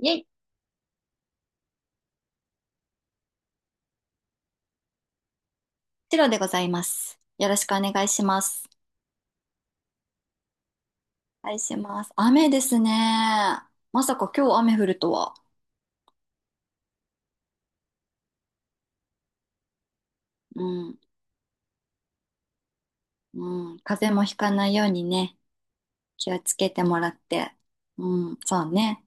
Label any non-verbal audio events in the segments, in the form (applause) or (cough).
イェイ、チロでございます。よろしくお願いします。お願いします。雨ですね。まさか今日雨降るとは。うん、うん。風邪もひかないようにね、気をつけてもらって。うん、そうね。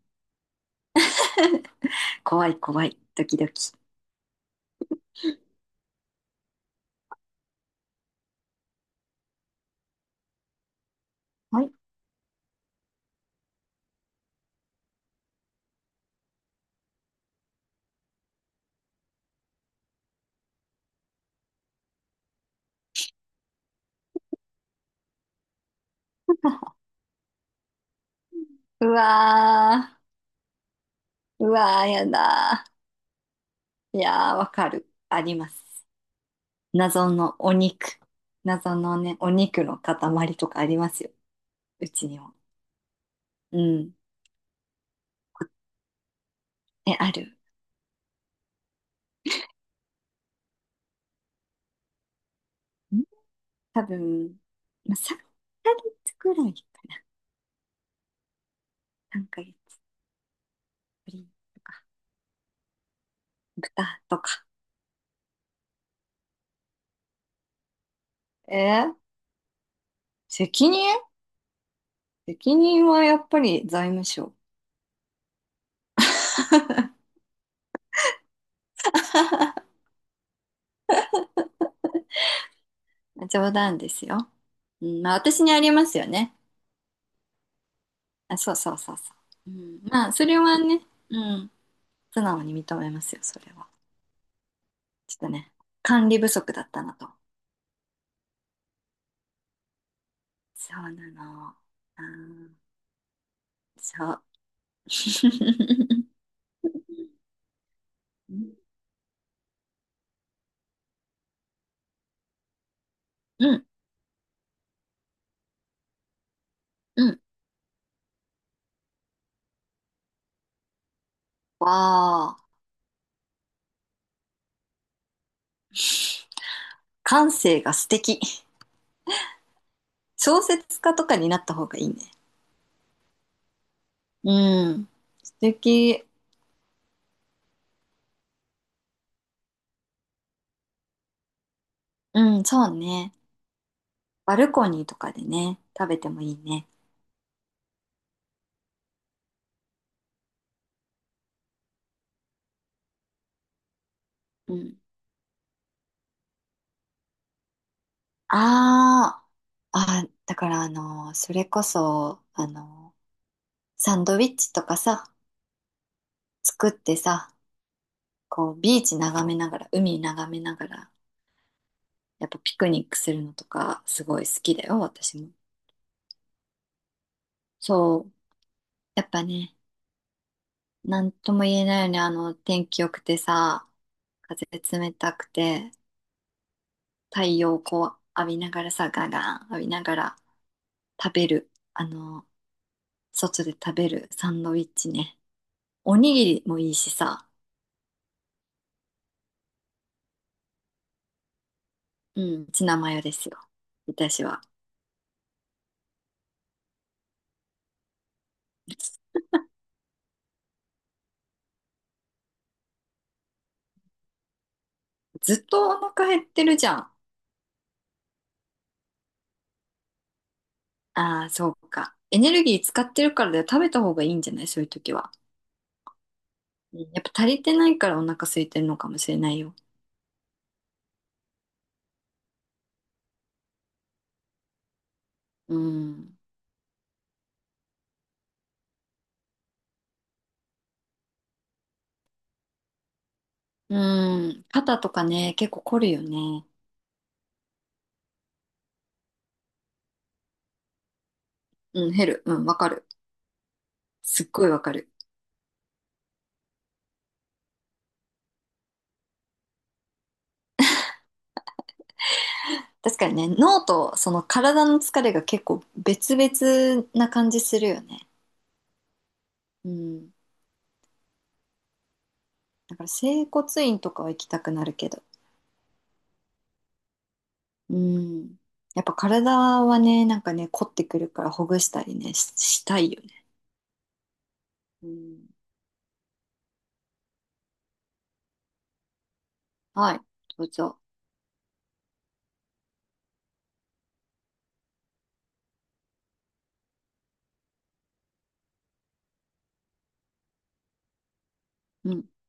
怖い怖い、ドキドキ。はい。(laughs) うわー、うわー、やだー。いやー、わかる。あります。謎のお肉。謎のね、お肉の塊とかありますよ。うちにも。うん。え、ある。多分、まあ、3ヶ月くらい、3ヶ月ぶりとか、豚とか。えー責任、責任はやっぱり財務省。(laughs) 冗談ですよ。うん、まあ私にありますよね。あ、そうそうそうそう。うん、まあそれはね、うん、素直に認めますよ、それは。ちょっとね、管理不足だったなと。そうなの。うん、そう。(laughs) うん、うん、うん。わあ。感性が素敵。小説家とかになった方がいいね。うん。素敵。うん、そうね。バルコニーとかでね、食べてもいいね。うん。ああ、だからそれこそ、サンドイッチとかさ、作ってさ、こう、ビーチ眺めながら、海眺めながら、やっぱピクニックするのとか、すごい好きだよ、私も。そう。やっぱね、なんとも言えないよね。あの、天気良くてさ、風冷たくて、太陽をこう浴びながらさ、ガガン浴びながら食べる。あの、外で食べるサンドイッチね。おにぎりもいいしさ、うん、ツナマヨですよ。私は。ずっとお腹減ってるじゃん。ああ、そうか。エネルギー使ってるからだよ。食べた方がいいんじゃないそういう時は。うん、やっぱ足りてないからお腹空いてるのかもしれないよ。うん。うん。肩とかね、結構凝るよね。うん、減る。うん、わかる。すっごいわかる。確かにね、脳とその体の疲れが結構別々な感じするよね。うん。だから整骨院とかは行きたくなるけど。うん。やっぱ体はね、なんかね、凝ってくるからほぐしたりね、したいよね。うん。はい。どうぞ。うん。あ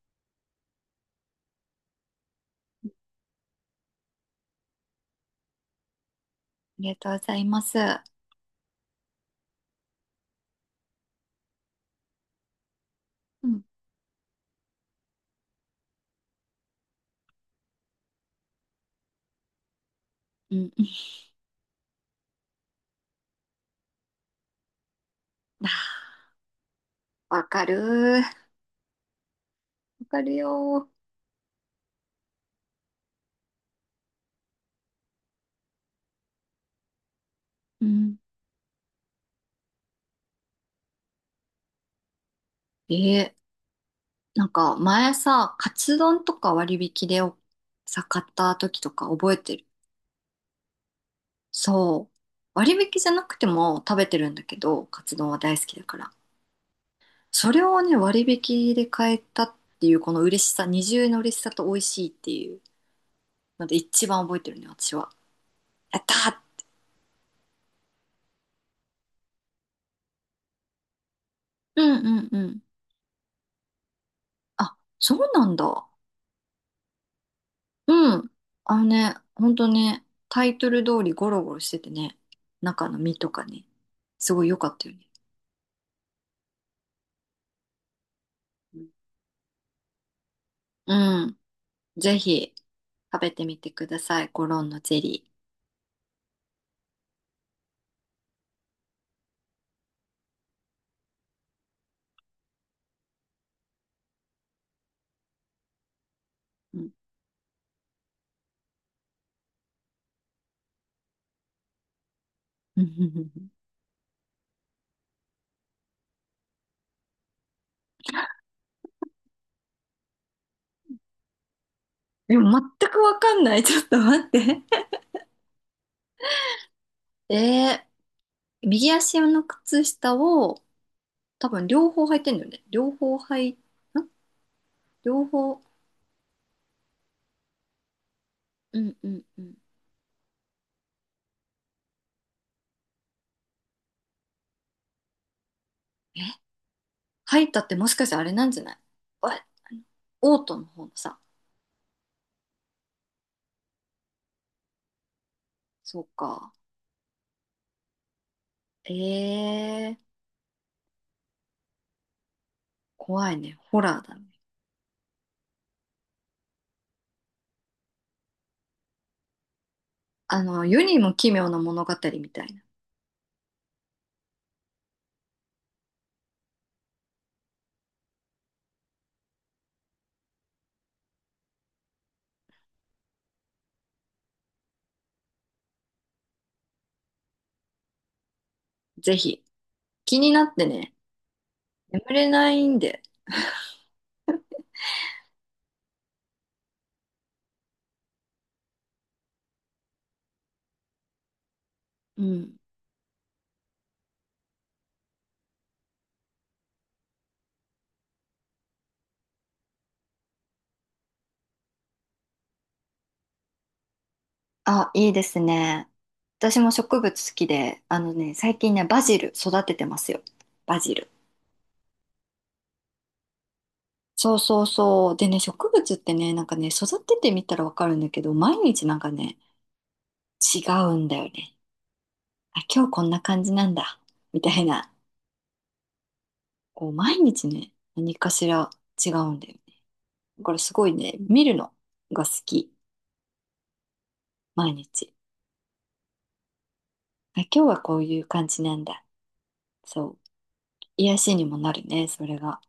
りがとうございます。うん。うん。(laughs) わかる。わかるよ。うん。ええなんか前さ、カツ丼とか割引で買った時とか覚えてる？そう。割引じゃなくても食べてるんだけど、カツ丼は大好きだから。それをね、割引で買えたっていうこの嬉しさ、二重の嬉しさと美味しいっていうので一番覚えてるね、私は。やったー、うんうんうん。あ、そうなんだ。うん。あのね、ほんとね、タイトル通りゴロゴロしててね、中の身とかね、すごい良かったよね。うん。ぜひ食べてみてください。コロンのゼリー。うん。 (laughs) でも全くわかんない。(laughs) ちょっと待って。え、右足の靴下を多分両方履いてんだよね。両方。うんうんうん。え、履いたってもしかしてあれなんじゃない？わ、オートの方のさ。そうか。えー、怖いね。ホラーだね。あの、世にも奇妙な物語みたいな。ぜひ。気になってね。眠れないんで。うん。あ、いいですね。私も植物好きで、あのね、最近ね、バジル育ててますよ。バジル。そうそうそう。でね、植物ってね、なんかね、育ててみたらわかるんだけど、毎日なんかね、違うんだよね。あ、今日こんな感じなんだ。みたいな。こう、毎日ね、何かしら違うんだよね。だからすごいね、見るのが好き。毎日。あ、今日はこういう感じなんだ。そう。癒しにもなるね、それが。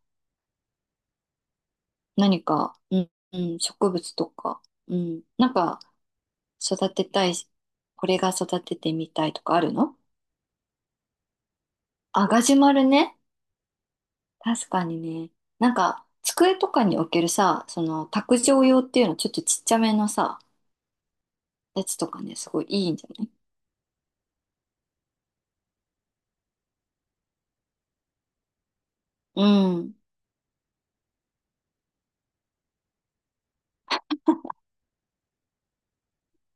何か、うん、うん、植物とか、うん、なんか育てたいし、これが育ててみたいとかあるの？あ、ガジュマルね。確かにね。なんか、机とかに置けるさ、その、卓上用っていうの、ちょっとちっちゃめのさ、やつとかね、すごいいいんじゃない？うん。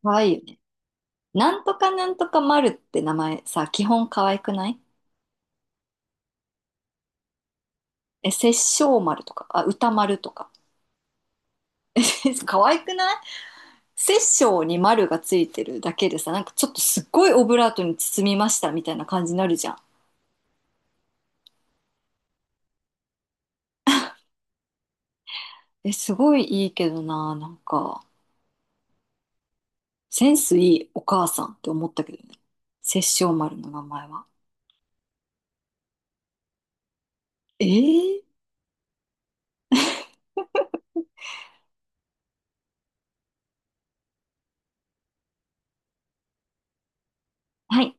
かわいいよね。なんとかなんとか丸って名前さ、基本かわいくない？え、殺生丸とか、あ、歌丸とか。(laughs) かわいくない？殺生に丸がついてるだけでさ、なんかちょっとすっごいオブラートに包みましたみたいな感じになるじゃん。え、すごいいいけどな、なんか、センスいいお母さんって思ったけどね。殺生丸の名前は。えー、はい。